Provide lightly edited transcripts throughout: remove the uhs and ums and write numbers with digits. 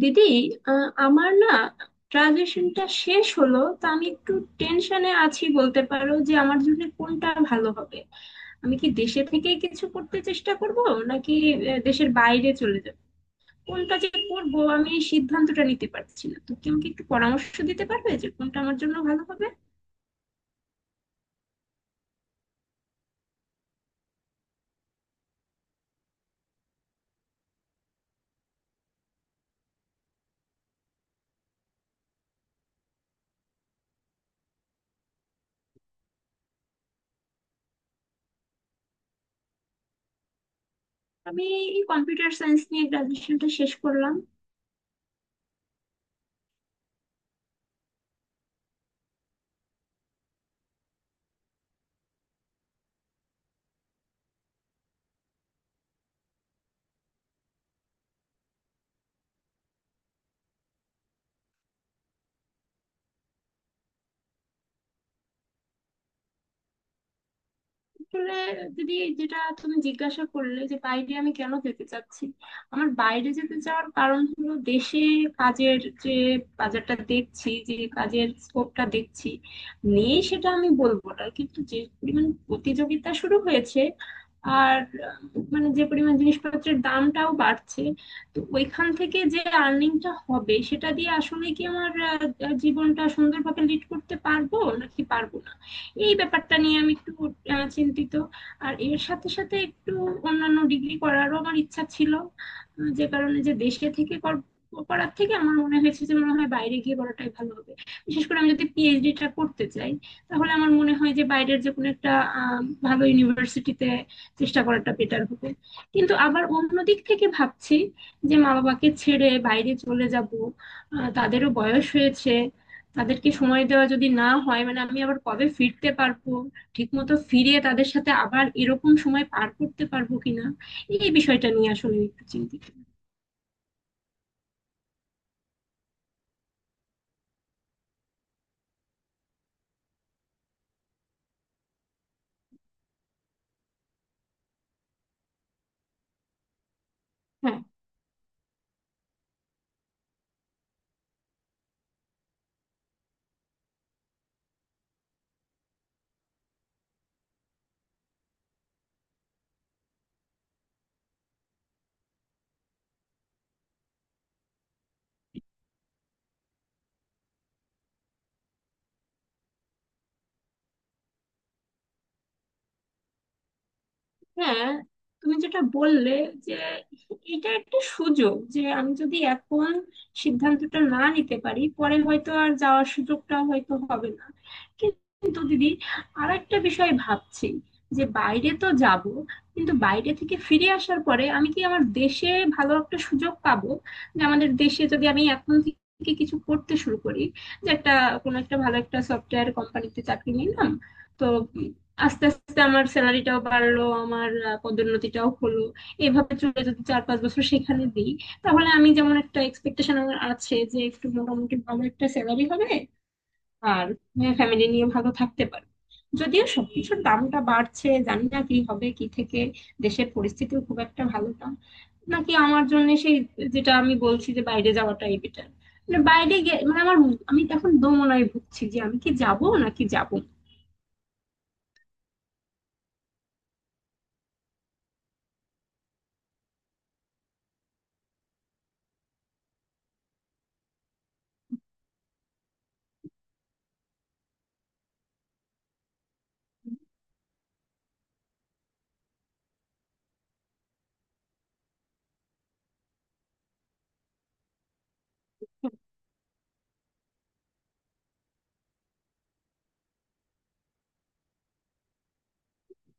দিদি, আমার না গ্রাজুয়েশনটা শেষ হলো তো আমি একটু টেনশনে আছি, বলতে পারো। যে আমার জন্য কোনটা ভালো হবে, আমি কি দেশে থেকে কিছু করতে চেষ্টা করব, নাকি দেশের বাইরে চলে যাব, কোনটা যে করব আমি এই সিদ্ধান্তটা নিতে পারছি না। তো তুমি কি আমাকে একটু পরামর্শ দিতে পারবে যে কোনটা আমার জন্য ভালো হবে? আমি কম্পিউটার সায়েন্স নিয়ে গ্রাজুয়েশনটা শেষ করলাম। আসলে দিদি, যেটা তুমি জিজ্ঞাসা করলে যে বাইরে আমি কেন যেতে চাচ্ছি, আমার বাইরে যেতে চাওয়ার কারণ হলো দেশে কাজের যে বাজারটা দেখছি, যে কাজের স্কোপটা দেখছি নেই সেটা আমি বলবো না, কিন্তু যে পরিমাণ প্রতিযোগিতা শুরু হয়েছে, আর মানে যে পরিমাণ জিনিসপত্রের দামটাও বাড়ছে, তো ওইখান থেকে যে আর্নিংটা হবে সেটা দিয়ে আসলে কি আমার জীবনটা সুন্দরভাবে লিড করতে পারবো নাকি পারবো না, এই ব্যাপারটা নিয়ে আমি একটু চিন্তিত। আর এর সাথে সাথে একটু অন্যান্য ডিগ্রি করারও আমার ইচ্ছা ছিল, যে কারণে যে দেশে থেকে করার থেকে আমার মনে হয়েছে যে মনে হয় বাইরে গিয়ে করাটাই ভালো হবে। বিশেষ করে আমি যদি পিএইচডিটা করতে চাই, তাহলে আমার মনে হয় যে বাইরের যে কোনো একটা আহ, ভালো ইউনিভার্সিটিতে চেষ্টা করাটা বেটার হবে। কিন্তু আবার অন্য দিক থেকে ভাবছি যে মা বাবাকে ছেড়ে বাইরে চলে যাব, তাদেরও বয়স হয়েছে, তাদেরকে সময় দেওয়া যদি না হয়, মানে আমি আবার কবে ফিরতে পারবো, ঠিক মতো ফিরে তাদের সাথে আবার এরকম সময় পার করতে পারবো কিনা, এই বিষয়টা নিয়ে আসলে একটু চিন্তিত। হ্যাঁ। হ্যাঁ, তুমি যেটা বললে যে এটা একটা সুযোগ, যে আমি যদি এখন সিদ্ধান্তটা না নিতে পারি, পরে হয়তো আর যাওয়ার সুযোগটা হয়তো হবে না। কিন্তু দিদি, আর একটা বিষয় ভাবছি, যে বাইরে তো যাব, কিন্তু বাইরে থেকে ফিরে আসার পরে আমি কি আমার দেশে ভালো একটা সুযোগ পাবো? যে আমাদের দেশে যদি আমি এখন থেকে কিছু করতে শুরু করি, যে একটা কোনো একটা ভালো একটা সফটওয়্যার কোম্পানিতে চাকরি নিলাম, তো আস্তে আস্তে আমার স্যালারিটাও বাড়লো, আমার পদোন্নতিটাও হলো, এভাবে চলে যদি 4-5 বছর সেখানে দিই, তাহলে আমি যেমন একটা এক্সপেকটেশন আমার আছে যে একটু মোটামুটি ভালো একটা স্যালারি হবে, আর ফ্যামিলি নিয়ে ভালো থাকতে পারবো। যদিও সবকিছুর দামটা বাড়ছে, জানি না কি হবে কি থেকে, দেশের পরিস্থিতিও খুব একটা ভালো না, নাকি আমার জন্য সেই, যেটা আমি বলছি যে বাইরে যাওয়াটাই বেটার, মানে বাইরে গে মানে আমার, আমি তখন দোমনায় ভুগছি যে আমি কি যাব নাকি যাব।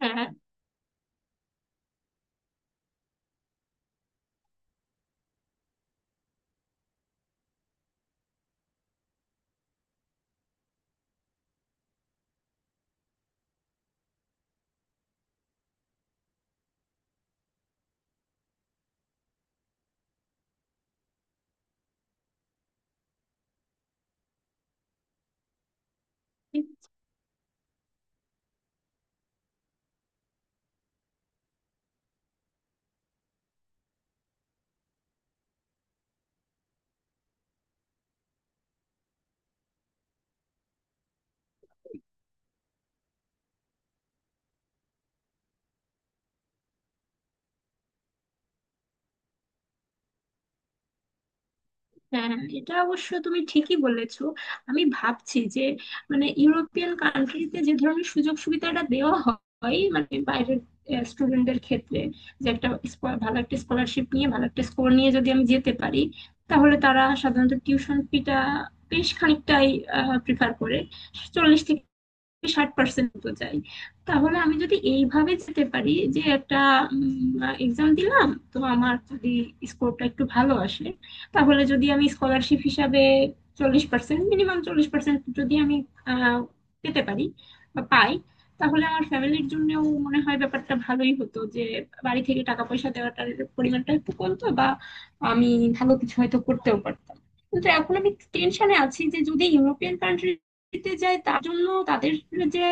হ্যাঁ। হ্যাঁ। হ্যাঁ, এটা অবশ্য তুমি ঠিকই বলেছো। আমি ভাবছি যে মানে ইউরোপিয়ান কান্ট্রিতে যে ধরনের সুযোগ সুবিধাটা দেওয়া হয় মানে বাইরের স্টুডেন্টদের ক্ষেত্রে, যে একটা ভালো একটা স্কলারশিপ নিয়ে ভালো একটা স্কোর নিয়ে যদি আমি যেতে পারি, তাহলে তারা সাধারণত টিউশন ফিটা বেশ খানিকটাই প্রিফার করে, 40 থেকে 60% মতো চাই। তাহলে আমি যদি এইভাবে যেতে পারি, যে একটা এক্সাম দিলাম, তো আমার যদি স্কোরটা একটু ভালো আসে, তাহলে যদি আমি স্কলারশিপ হিসাবে 40%, মিনিমাম 40% যদি আমি আহ, পেতে পারি বা পাই, তাহলে আমার ফ্যামিলির জন্যও মনে হয় ব্যাপারটা ভালোই হতো, যে বাড়ি থেকে টাকা পয়সা দেওয়াটার পরিমাণটা একটু কমতো, বা আমি ভালো কিছু হয়তো করতেও পারতাম। কিন্তু এখন আমি টেনশনে আছি, যে যদি ইউরোপিয়ান কান্ট্রি দিতে যায়, তার জন্য তাদের যে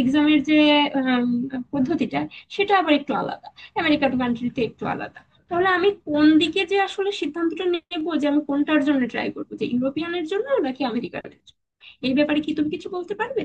এক্সামের যে আম, পদ্ধতিটা, সেটা আবার একটু আলাদা, আমেরিকান কান্ট্রিতে একটু আলাদা। তাহলে আমি কোন দিকে যে আসলে সিদ্ধান্তটা নেব, যে আমি কোনটার জন্য ট্রাই করবো, যে ইউরোপিয়ানের জন্য নাকি আমেরিকানের জন্য, এই ব্যাপারে কি তুমি কিছু বলতে পারবে?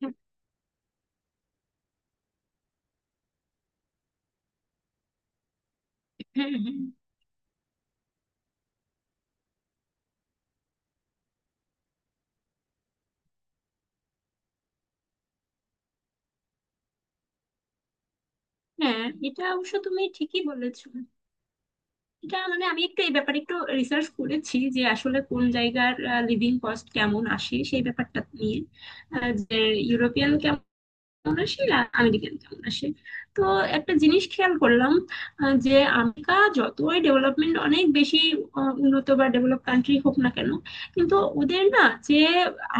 হ্যাঁ। হ্যাঁ। হ্যাঁ। হ্যাঁ, এটা অবশ্য তুমি ঠিকই বলেছো। এটা মানে আমি একটু এই ব্যাপারে একটু রিসার্চ করেছি, যে আসলে কোন জায়গার লিভিং কস্ট কেমন আসে সেই ব্যাপারটা নিয়ে, যে ইউরোপিয়ান 84 আর আমেরিকান 84, তো একটা জিনিস খেয়াল করলাম, যে আমেরিকা যতই ডেভেলপমেন্ট অনেক বেশি উন্নত বা ডেভেলপ কান্ট্রি হোক না কেন, কিন্তু ওদের না যে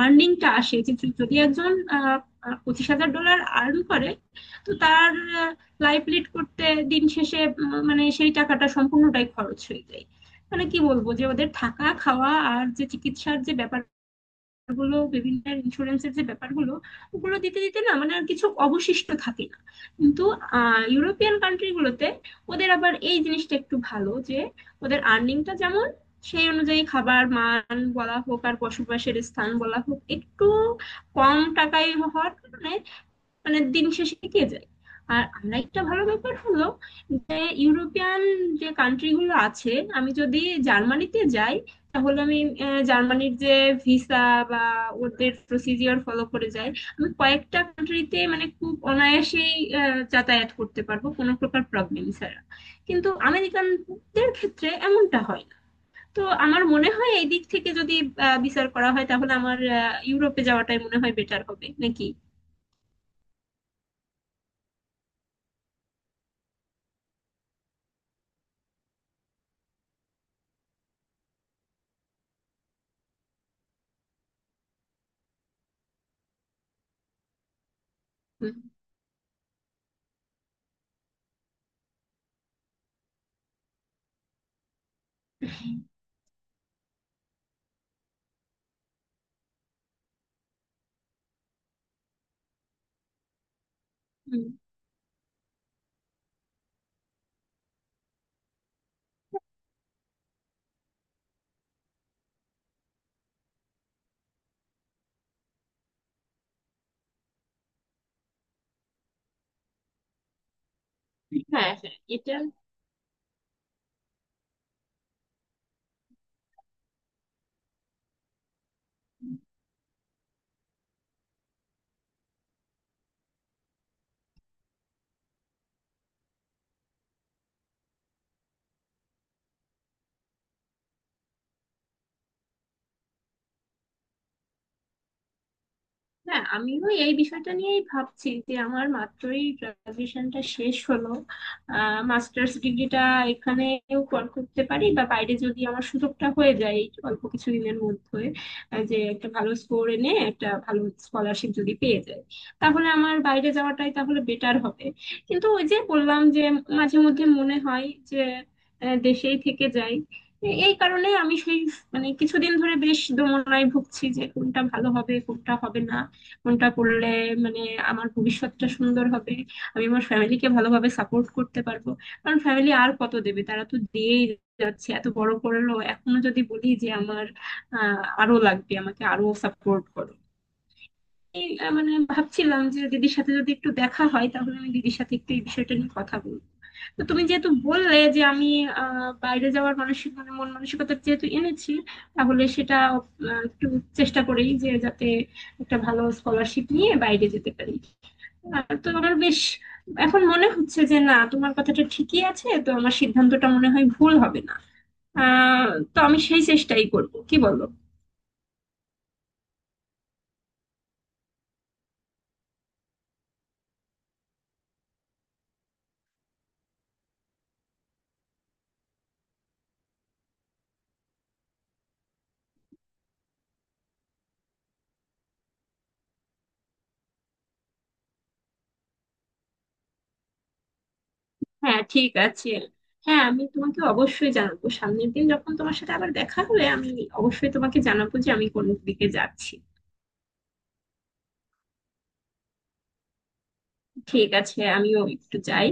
আর্নিংটা আসে, যে যে- যদি একজন আহ, আহ, $25,000 আর্ন করে, তো তার লাইফ লিড করতে দিন শেষে মানে সেই টাকাটা সম্পূর্ণটাই খরচ হয়ে যায়। মানে কি বলবো, যে ওদের থাকা খাওয়া আর যে চিকিৎসার যে ব্যাপার, ব্যাপারগুলো বিভিন্ন ইন্স্যুরেন্সের যে ব্যাপারগুলো, ওগুলো দিতে দিতে না মানে আর কিছু অবশিষ্ট থাকে না। কিন্তু ইউরোপিয়ান কান্ট্রিগুলোতে ওদের আবার এই জিনিসটা একটু ভালো, যে ওদের আর্নিংটা যেমন সেই অনুযায়ী খাবার মান বলা হোক আর বসবাসের স্থান বলা হোক একটু কম টাকায় হওয়ার কারণে মানে দিন শেষে টিকে যায়। আর আমরা একটা ভালো ব্যাপার হলো, যে ইউরোপিয়ান যে কান্ট্রি গুলো আছে, আমি যদি জার্মানিতে যাই, তাহলে আমি জার্মানির যে ভিসা বা ওদের প্রসিজিওর ফলো করে যাই, আমি কয়েকটা কান্ট্রিতে মানে খুব অনায়াসেই যাতায়াত করতে পারবো কোনো প্রকার প্রবলেম ছাড়া। কিন্তু আমেরিকানদের ক্ষেত্রে এমনটা হয় না। তো আমার মনে হয় এই দিক থেকে যদি বিচার করা হয়, তাহলে আমার ইউরোপে যাওয়াটাই মনে হয় বেটার হবে নাকি? হুম। হ্যাঁ, হ্যাঁ, এটা। হ্যাঁ, আমিও এই বিষয়টা নিয়েই ভাবছি, যে আমার মাত্রই গ্রাজুয়েশনটা শেষ হলো, মাস্টার্স ডিগ্রিটা এখানেও করতে পারি, বা বাইরে যদি আমার সুযোগটা হয়ে যায় এই অল্প কিছুদিনের মধ্যে, যে একটা ভালো স্কোর এনে একটা ভালো স্কলারশিপ যদি পেয়ে যায়, তাহলে আমার বাইরে যাওয়াটাই তাহলে বেটার হবে। কিন্তু ওই যে বললাম, যে মাঝে মধ্যে মনে হয় যে দেশেই থেকে যাই, এই কারণে আমি সেই মানে কিছুদিন ধরে বেশ দোমনায় ভুগছি, যে কোনটা ভালো হবে কোনটা হবে না, কোনটা করলে মানে আমার ভবিষ্যৎটা সুন্দর হবে, আমি আমার ফ্যামিলিকে ভালোভাবে সাপোর্ট করতে পারবো। কারণ ফ্যামিলি আর কত দেবে, তারা তো দিয়েই যাচ্ছে, এত বড় করলো, এখনো যদি বলি যে আমার আরো লাগবে, আমাকে আরো সাপোর্ট করো, এই মানে ভাবছিলাম যে দিদির সাথে যদি একটু দেখা হয় তাহলে আমি দিদির সাথে একটু এই বিষয়টা নিয়ে কথা বলবো। তো তুমি যেহেতু বললে যে আমি বাইরে যাওয়ার মানসিক মানে মন মানসিকতা যেহেতু এনেছি, তাহলে সেটা একটু চেষ্টা করি যে যাতে একটা ভালো স্কলারশিপ নিয়ে বাইরে যেতে পারি। তো আমার বেশ এখন মনে হচ্ছে যে না, তোমার কথাটা ঠিকই আছে, তো আমার সিদ্ধান্তটা মনে হয় ভুল হবে না। আহ তো আমি সেই চেষ্টাই করব, কি বলো? হ্যাঁ, ঠিক আছে। হ্যাঁ, আমি তোমাকে অবশ্যই জানাবো, সামনের দিন যখন তোমার সাথে আবার দেখা হবে আমি অবশ্যই তোমাকে জানাবো যে আমি কোন দিকে যাচ্ছি। ঠিক আছে, আমিও একটু যাই।